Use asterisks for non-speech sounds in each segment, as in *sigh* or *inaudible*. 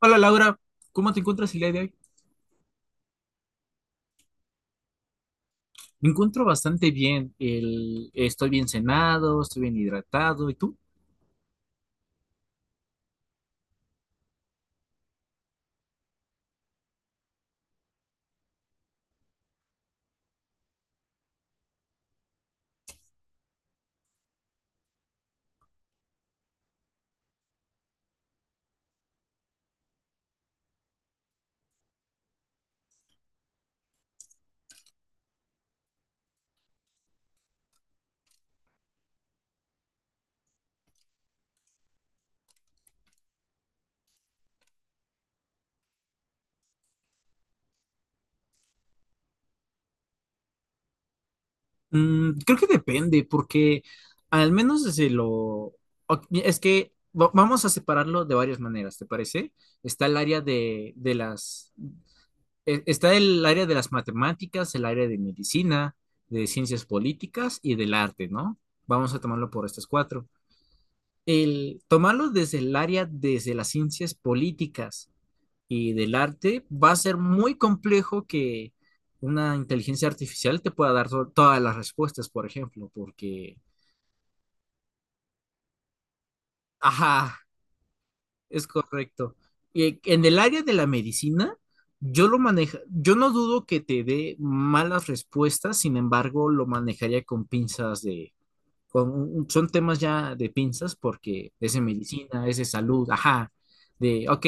Hola Laura, ¿cómo te encuentras el día de hoy? Me encuentro bastante bien. Estoy bien cenado, estoy bien hidratado. ¿Y tú? Creo que depende, porque al menos desde es que vamos a separarlo de varias maneras, ¿te parece? Está el área de las... Está el área de las matemáticas, el área de medicina, de ciencias políticas y del arte, ¿no? Vamos a tomarlo por estas cuatro. El tomarlo desde el área, desde las ciencias políticas y del arte, va a ser muy complejo que una inteligencia artificial te pueda dar todas las respuestas, por ejemplo, porque, ajá, es correcto. Y en el área de la medicina, yo lo manejo, yo no dudo que te dé malas respuestas, sin embargo, lo manejaría con pinzas de son temas ya de pinzas porque es de medicina, es de salud, ajá, de, ok,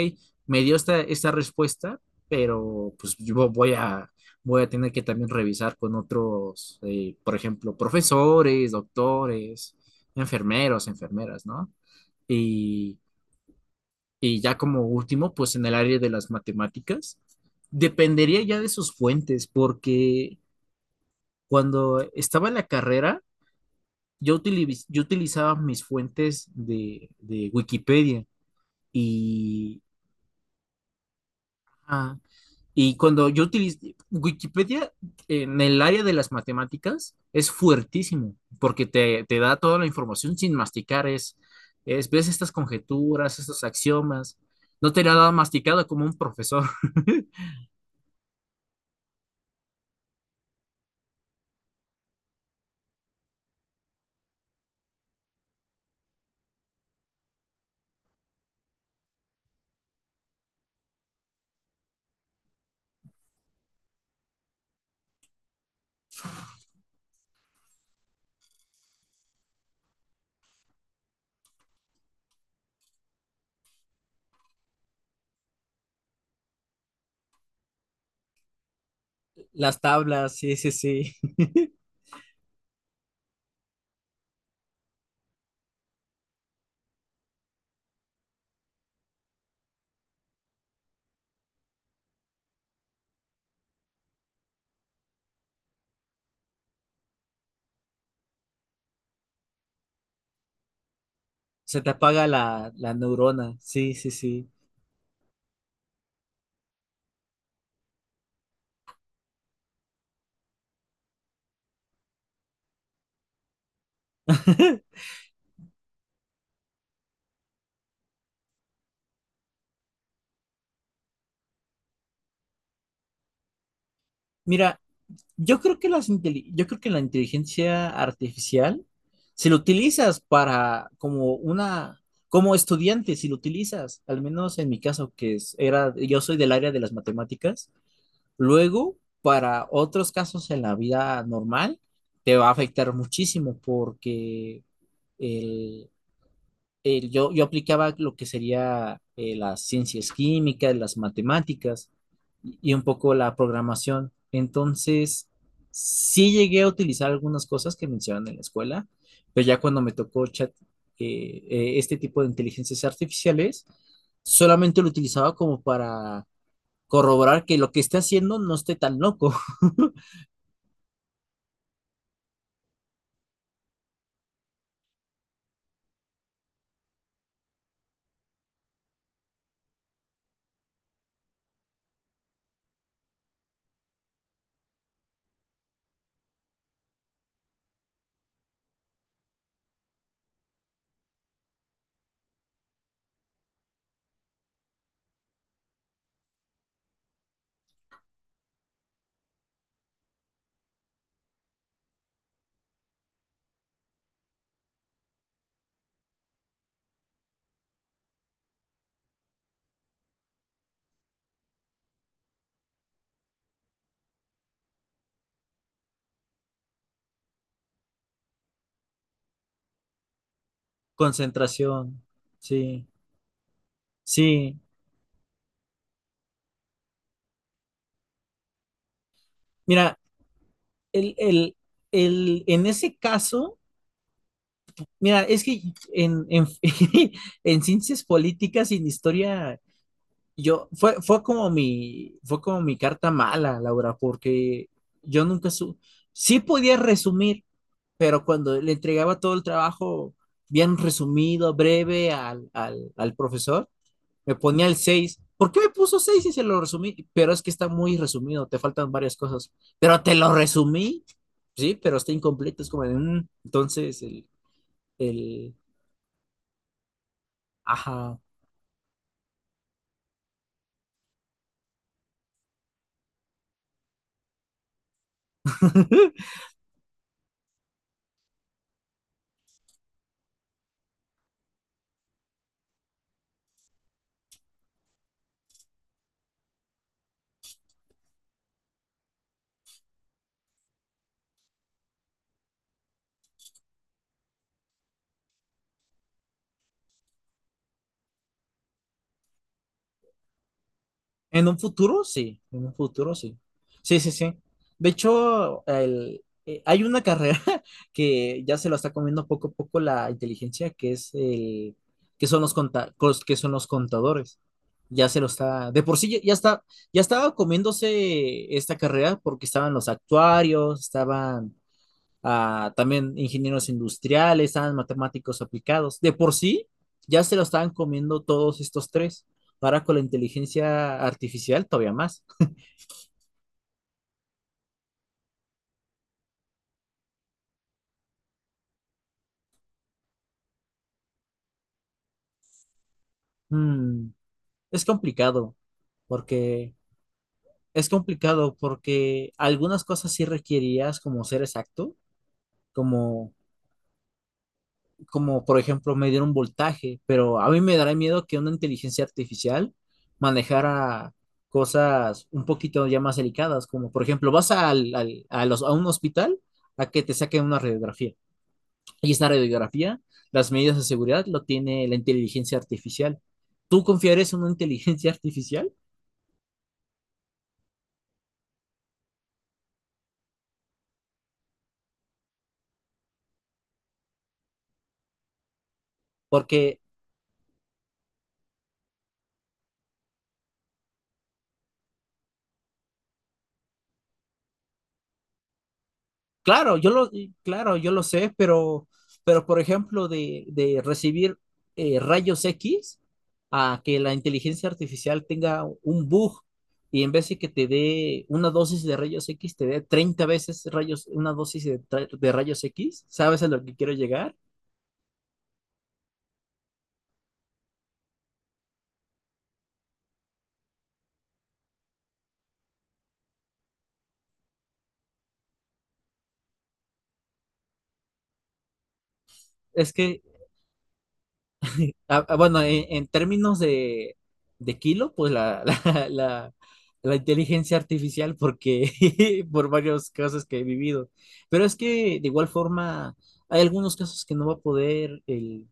me dio esta respuesta, pero pues voy a tener que también revisar con otros, por ejemplo, profesores, doctores, enfermeros, enfermeras, ¿no? Y, y ya como último, pues en el área de las matemáticas, dependería ya de sus fuentes, porque cuando estaba en la carrera, yo, yo utilizaba mis fuentes de Wikipedia y, ah, y cuando yo utilizo Wikipedia en el área de las matemáticas es fuertísimo porque te da toda la información sin masticar, ves estas conjeturas, estos axiomas, no te la da masticado como un profesor. *laughs* Las tablas, sí, sí, sí. *laughs* Se te apaga la neurona, sí, sí, sí. *laughs* Mira, yo creo que la inteligencia artificial, si lo utilizas para como una, como estudiante, si lo utilizas, al menos en mi caso, era, yo soy del área de las matemáticas, luego para otros casos en la vida normal, te va a afectar muchísimo porque el, yo, yo aplicaba lo que sería las ciencias químicas, las matemáticas y un poco la programación. Entonces, sí llegué a utilizar algunas cosas que mencionan en la escuela, pero ya cuando me tocó chat, este tipo de inteligencias artificiales, solamente lo utilizaba como para corroborar que lo que esté haciendo no esté tan loco. *laughs* Concentración, sí, sí. Mira, el, el, en ese caso... Mira, es que en, en, *laughs* en ciencias políticas y en historia, yo, fue como mi carta mala, Laura, porque yo nunca su, sí podía resumir, pero cuando le entregaba todo el trabajo bien resumido, breve al profesor, me ponía el seis. ¿Por qué me puso 6 si se lo resumí? Pero es que está muy resumido, te faltan varias cosas. Pero te lo resumí, sí, pero está incompleto, es como de, entonces el, ajá. *laughs* En un futuro, sí. En un futuro, sí. Sí, sí, sí. De hecho, hay una carrera *laughs* que ya se lo está comiendo poco a poco la inteligencia, que es el, que son los que son los contadores. Ya se lo está, de por sí ya está, ya estaba comiéndose esta carrera porque estaban los actuarios, estaban a también ingenieros industriales, estaban matemáticos aplicados. De por sí, ya se lo estaban comiendo todos estos tres. Ahora con la inteligencia artificial todavía más. Mm, es complicado porque es complicado porque algunas cosas sí requerías como ser exacto, como como por ejemplo medir un voltaje, pero a mí me dará miedo que una inteligencia artificial manejara cosas un poquito ya más delicadas, como por ejemplo vas a un hospital a que te saquen una radiografía. Y esta radiografía, las medidas de seguridad lo tiene la inteligencia artificial. ¿Tú confiarías en una inteligencia artificial? Porque claro, claro, yo lo sé, pero por ejemplo, de recibir rayos X a que la inteligencia artificial tenga un bug y en vez de que te dé una dosis de rayos X, te dé 30 veces rayos, una dosis de, de rayos X, ¿sabes a lo que quiero llegar? Es que ah, ah, bueno, en términos de kilo, pues *laughs* la, la- la inteligencia artificial, porque *laughs* por varios casos que he vivido. Pero es que de igual forma, hay algunos casos que no va a poder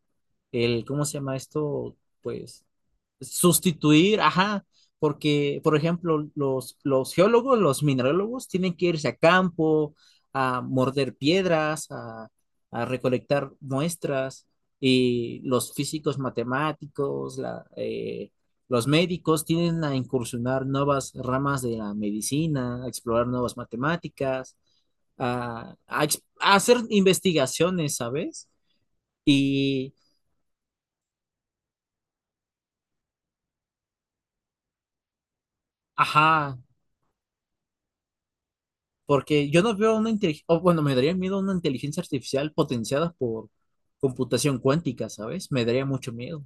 el, ¿cómo se llama esto? Pues sustituir, ajá, porque, por ejemplo, los geólogos, los minerólogos tienen que irse a campo, a morder piedras, a recolectar muestras, y los físicos matemáticos, los médicos tienen a incursionar nuevas ramas de la medicina, a explorar nuevas matemáticas, a hacer investigaciones, ¿sabes? Y, ajá, porque yo no veo una inteligencia, o bueno, me daría miedo una inteligencia artificial potenciada por computación cuántica, ¿sabes? Me daría mucho miedo.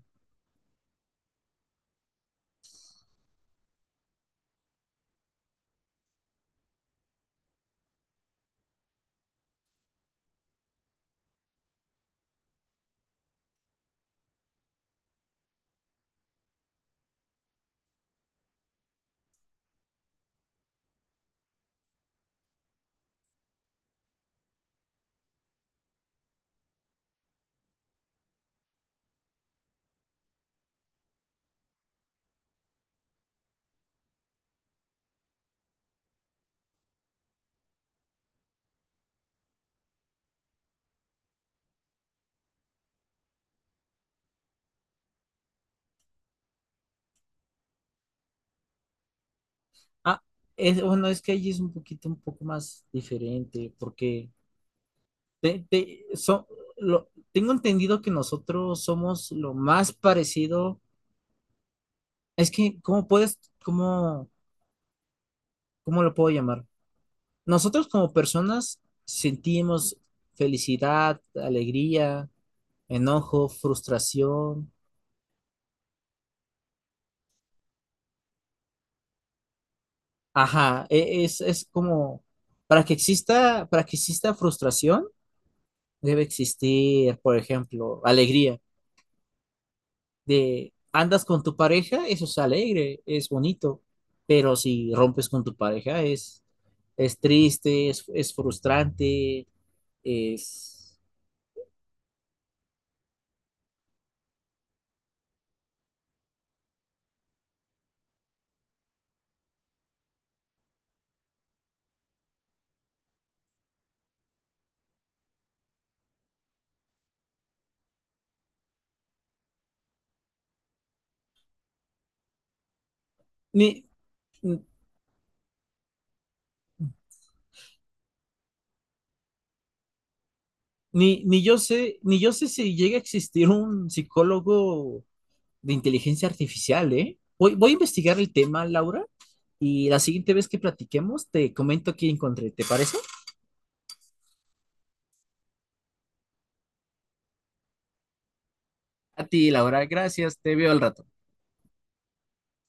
Ah, es, bueno, es que allí es un poquito, un poco más diferente, porque te- te- so- tengo entendido que nosotros somos lo más parecido. Es que, ¿cómo puedes, cómo, cómo lo puedo llamar? Nosotros como personas sentimos felicidad, alegría, enojo, frustración. Ajá, es como, para que exista frustración, debe existir, por ejemplo, alegría. De andas con tu pareja, eso es alegre, es bonito, pero si rompes con tu pareja, es triste, es frustrante, es... Ni, ni yo sé, ni yo sé si llega a existir un psicólogo de inteligencia artificial, ¿eh? Voy, voy a investigar el tema, Laura. Y la siguiente vez que platiquemos, te comento qué encontré. ¿Te parece? A ti, Laura, gracias. Te veo al rato.